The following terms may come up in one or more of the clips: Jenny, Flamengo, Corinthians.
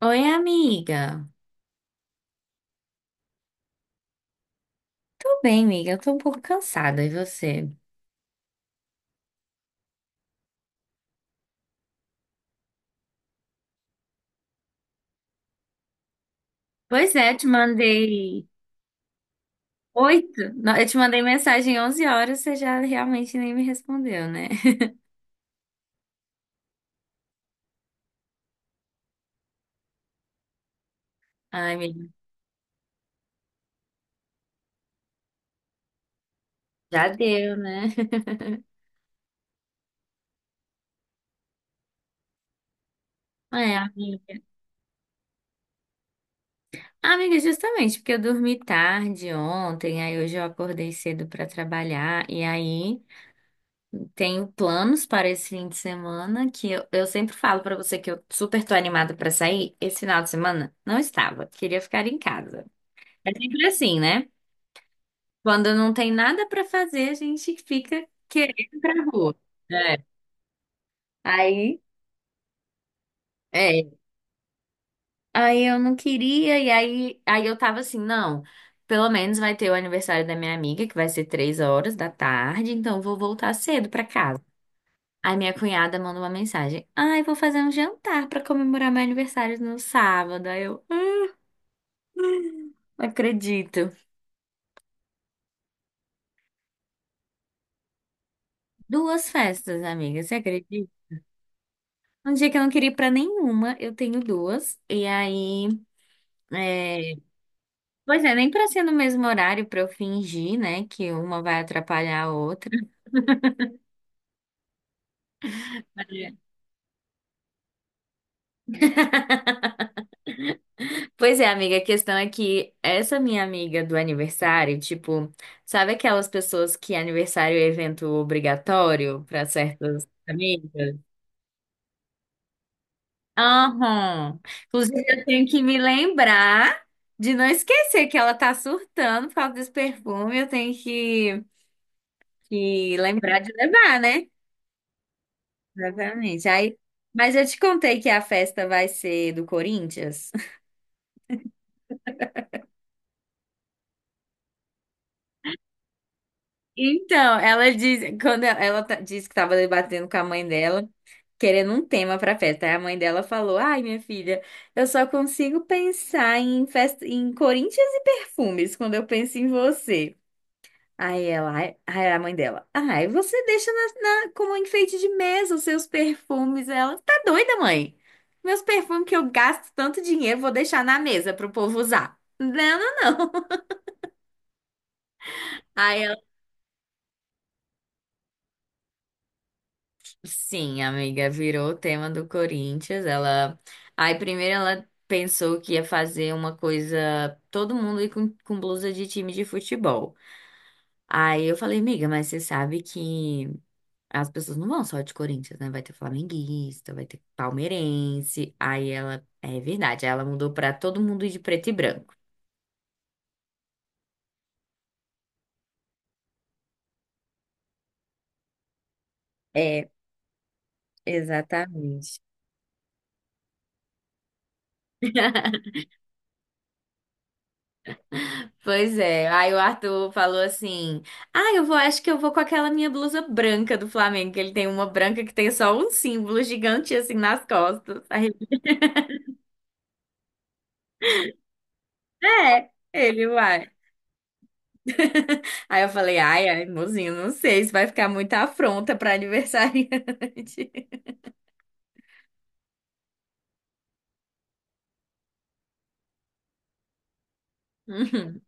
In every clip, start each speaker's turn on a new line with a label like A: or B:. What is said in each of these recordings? A: Oi, amiga. Tô bem, amiga. Eu tô um pouco cansada. E você? Pois é, te mandei oito. Não, eu te mandei mensagem 11 horas, você já realmente nem me respondeu, né? Ai, amiga, já deu, né? É, amiga. Amiga, justamente porque eu dormi tarde ontem, aí hoje eu acordei cedo pra trabalhar, e aí tenho planos para esse fim de semana que eu sempre falo pra você que eu super tô animada pra sair. Esse final de semana não estava, queria ficar em casa. É sempre assim, né? Quando não tem nada pra fazer, a gente fica querendo ir pra rua. É. Aí, é. Aí eu não queria, e aí eu tava assim, não, pelo menos vai ter o aniversário da minha amiga, que vai ser 3 horas da tarde, então eu vou voltar cedo pra casa. Aí minha cunhada manda uma mensagem: Ai, vou fazer um jantar pra comemorar meu aniversário no sábado. Aí eu, não acredito. Duas festas, amiga, você acredita? Um dia que eu não queria ir pra nenhuma, eu tenho duas. E aí. É, pois é, nem pra ser no mesmo horário pra eu fingir, né, que uma vai atrapalhar a outra. É. Pois é, amiga, a questão é que essa minha amiga do aniversário, tipo, sabe aquelas pessoas que aniversário é evento obrigatório pra certas amigas? Aham. Inclusive, eu tenho que me lembrar de não esquecer que ela tá surtando por causa desse perfume, eu tenho que lembrar de levar, né? Exatamente. Aí, mas eu te contei que a festa vai ser do Corinthians. Então, ela diz, quando ela disse que estava debatendo com a mãe dela, querendo um tema para festa. Aí a mãe dela falou: "Ai, minha filha, eu só consigo pensar em festa, em Corinthians e perfumes quando eu penso em você". Aí ela, ai, aí a mãe dela, ai, você deixa como um enfeite de mesa os seus perfumes. Ela, tá doida, mãe? Meus perfumes que eu gasto tanto dinheiro, vou deixar na mesa pro povo usar. Não, não, não. Aí ela, sim, amiga, virou o tema do Corinthians. Ela, aí primeiro ela pensou que ia fazer uma coisa, todo mundo ir com blusa de time de futebol. Aí eu falei, amiga, mas você sabe que as pessoas não vão só de Corinthians, né? Vai ter flamenguista, vai ter palmeirense. Aí ela. É verdade, ela mudou pra todo mundo ir de preto e branco. É, exatamente. Pois é. Aí o Arthur falou assim: Ah, eu vou, acho que eu vou com aquela minha blusa branca do Flamengo, que ele tem uma branca que tem só um símbolo gigante assim nas costas. Aí é, ele vai. Aí eu falei: Ai, ai, mozinho, não sei, isso vai ficar muita afronta pra aniversariante. Uhum.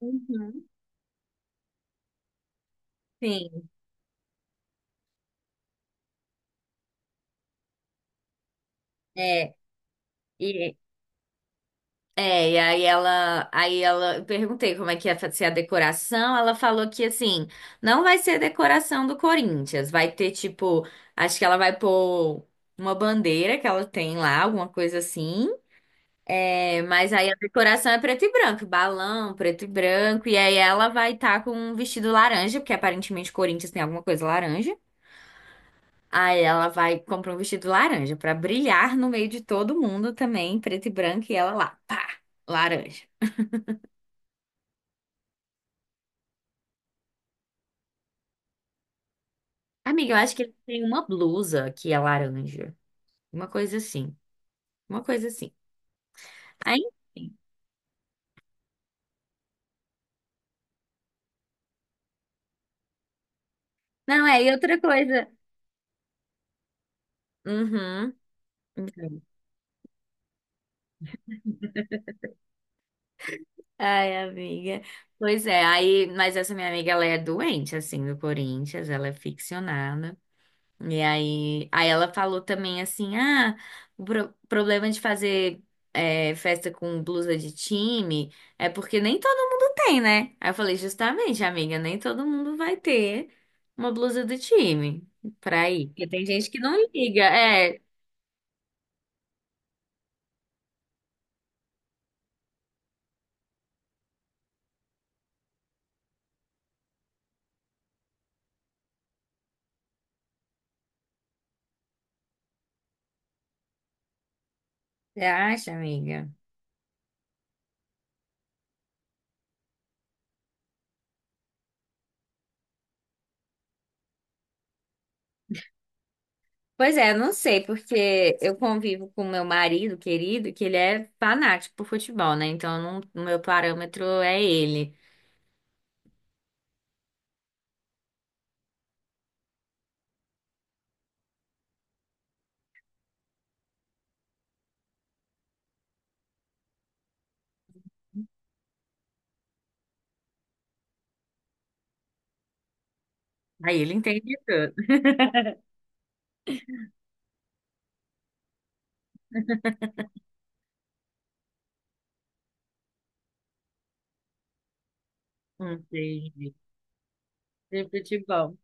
A: Uhum. Sim. é, E, e aí ela, eu perguntei como é que ia ser a decoração, ela falou que assim, não vai ser decoração do Corinthians, vai ter tipo, acho que ela vai pôr uma bandeira que ela tem lá, alguma coisa assim. É, mas aí a decoração é preto e branco, balão, preto e branco, e aí ela vai estar com um vestido laranja, porque aparentemente o Corinthians tem alguma coisa laranja. Aí ela vai comprar um vestido laranja pra brilhar no meio de todo mundo também, preto e branco, e ela lá, pá, laranja. Amiga, eu acho que ele tem uma blusa que é laranja. Uma coisa assim. Uma coisa assim. Aí, enfim. Não, é, e outra coisa. Uhum. Então. Ai, amiga. Pois é, aí, mas essa minha amiga, ela é doente, assim, do Corinthians, ela é ficcionada. E aí ela falou também assim, ah, o problema de fazer festa com blusa de time é porque nem todo mundo tem, né? Aí eu falei, justamente, amiga, nem todo mundo vai ter uma blusa do time pra ir. Porque tem gente que não liga, é, você acha, amiga? Pois é, eu não sei, porque eu convivo com meu marido querido, que ele é fanático por futebol, né? Então, eu não- o meu parâmetro é ele. Aí ele entende tudo. Entendi. De futebol.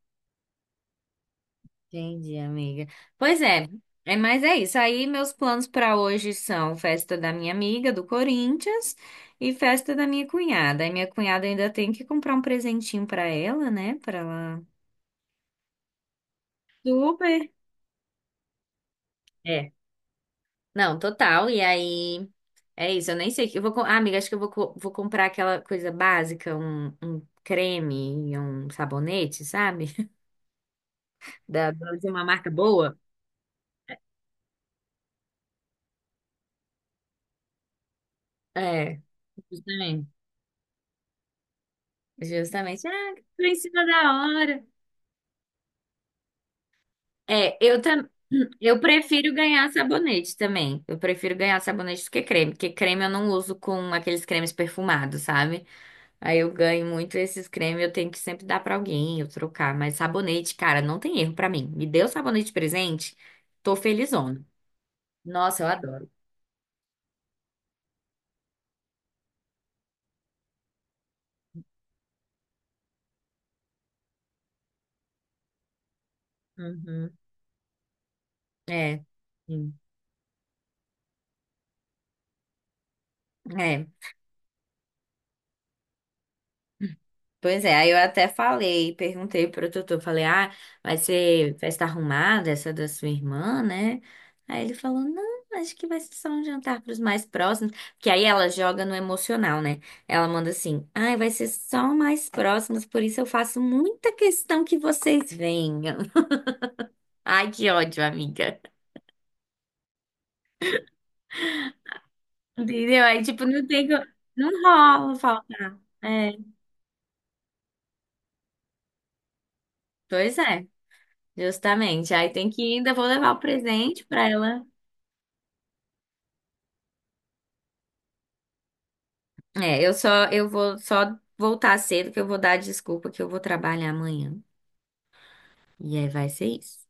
A: Entendi, amiga. Pois é, mas é isso. Aí meus planos para hoje são festa da minha amiga do Corinthians e festa da minha cunhada. E minha cunhada ainda tem que comprar um presentinho para ela, né? Para ela. Super. É. Não, total. E aí é isso. Eu nem sei o que eu vou, ah, amiga, acho que eu vou comprar aquela coisa básica, um creme e um sabonete, sabe? Da de uma marca boa. É, justamente. Justamente. Ah, tô em cima da hora. É, eu também. Eu prefiro ganhar sabonete também. Eu prefiro ganhar sabonete do que creme, porque creme eu não uso com aqueles cremes perfumados, sabe? Aí eu ganho muito esses cremes, eu tenho que sempre dar pra alguém, eu trocar. Mas sabonete, cara, não tem erro pra mim. Me deu sabonete de presente, tô felizona. Nossa, eu adoro. Uhum. É. Sim. É. Pois é, aí eu até falei, perguntei pro tutor, falei, ah, vai ser festa arrumada, essa da sua irmã, né? Aí ele falou, não, acho que vai ser só um jantar pros mais próximos, que aí ela joga no emocional, né? Ela manda assim, ai, vai ser só mais próximos, por isso eu faço muita questão que vocês venham. Ai, que ódio, amiga. Entendeu? Aí, tipo, não tem, não rola faltar. É, pois é, justamente. Aí tem que ir, ainda vou levar o presente pra ela. É, eu só, eu vou só voltar cedo que eu vou dar desculpa que eu vou trabalhar amanhã. E aí vai ser isso.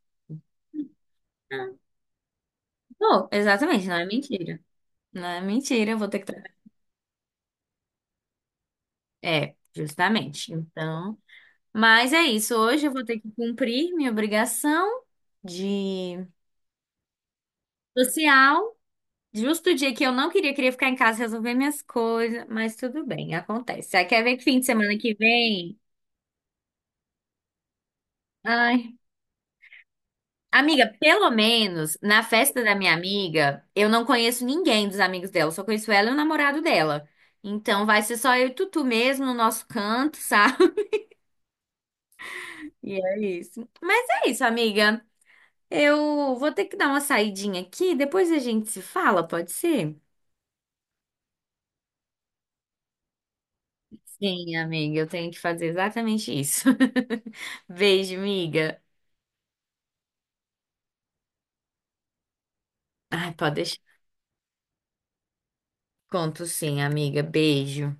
A: Ah, vou, exatamente, não é mentira. Não é mentira, eu vou ter que trabalhar. É, justamente. Então, mas é isso. Hoje eu vou ter que cumprir minha obrigação de social. Justo o dia que eu não queria, queria ficar em casa resolver minhas coisas, mas tudo bem, acontece. Aí quer ver que fim de semana que vem? Ai. Amiga, pelo menos na festa da minha amiga, eu não conheço ninguém dos amigos dela, só conheço ela e o namorado dela. Então vai ser só eu e Tutu mesmo no nosso canto, sabe? E é isso. Mas é isso, amiga. Eu vou ter que dar uma saidinha aqui, depois a gente se fala, pode ser? Sim, amiga, eu tenho que fazer exatamente isso. Beijo, amiga. Ai, pode deixar. Conto sim, amiga. Beijo.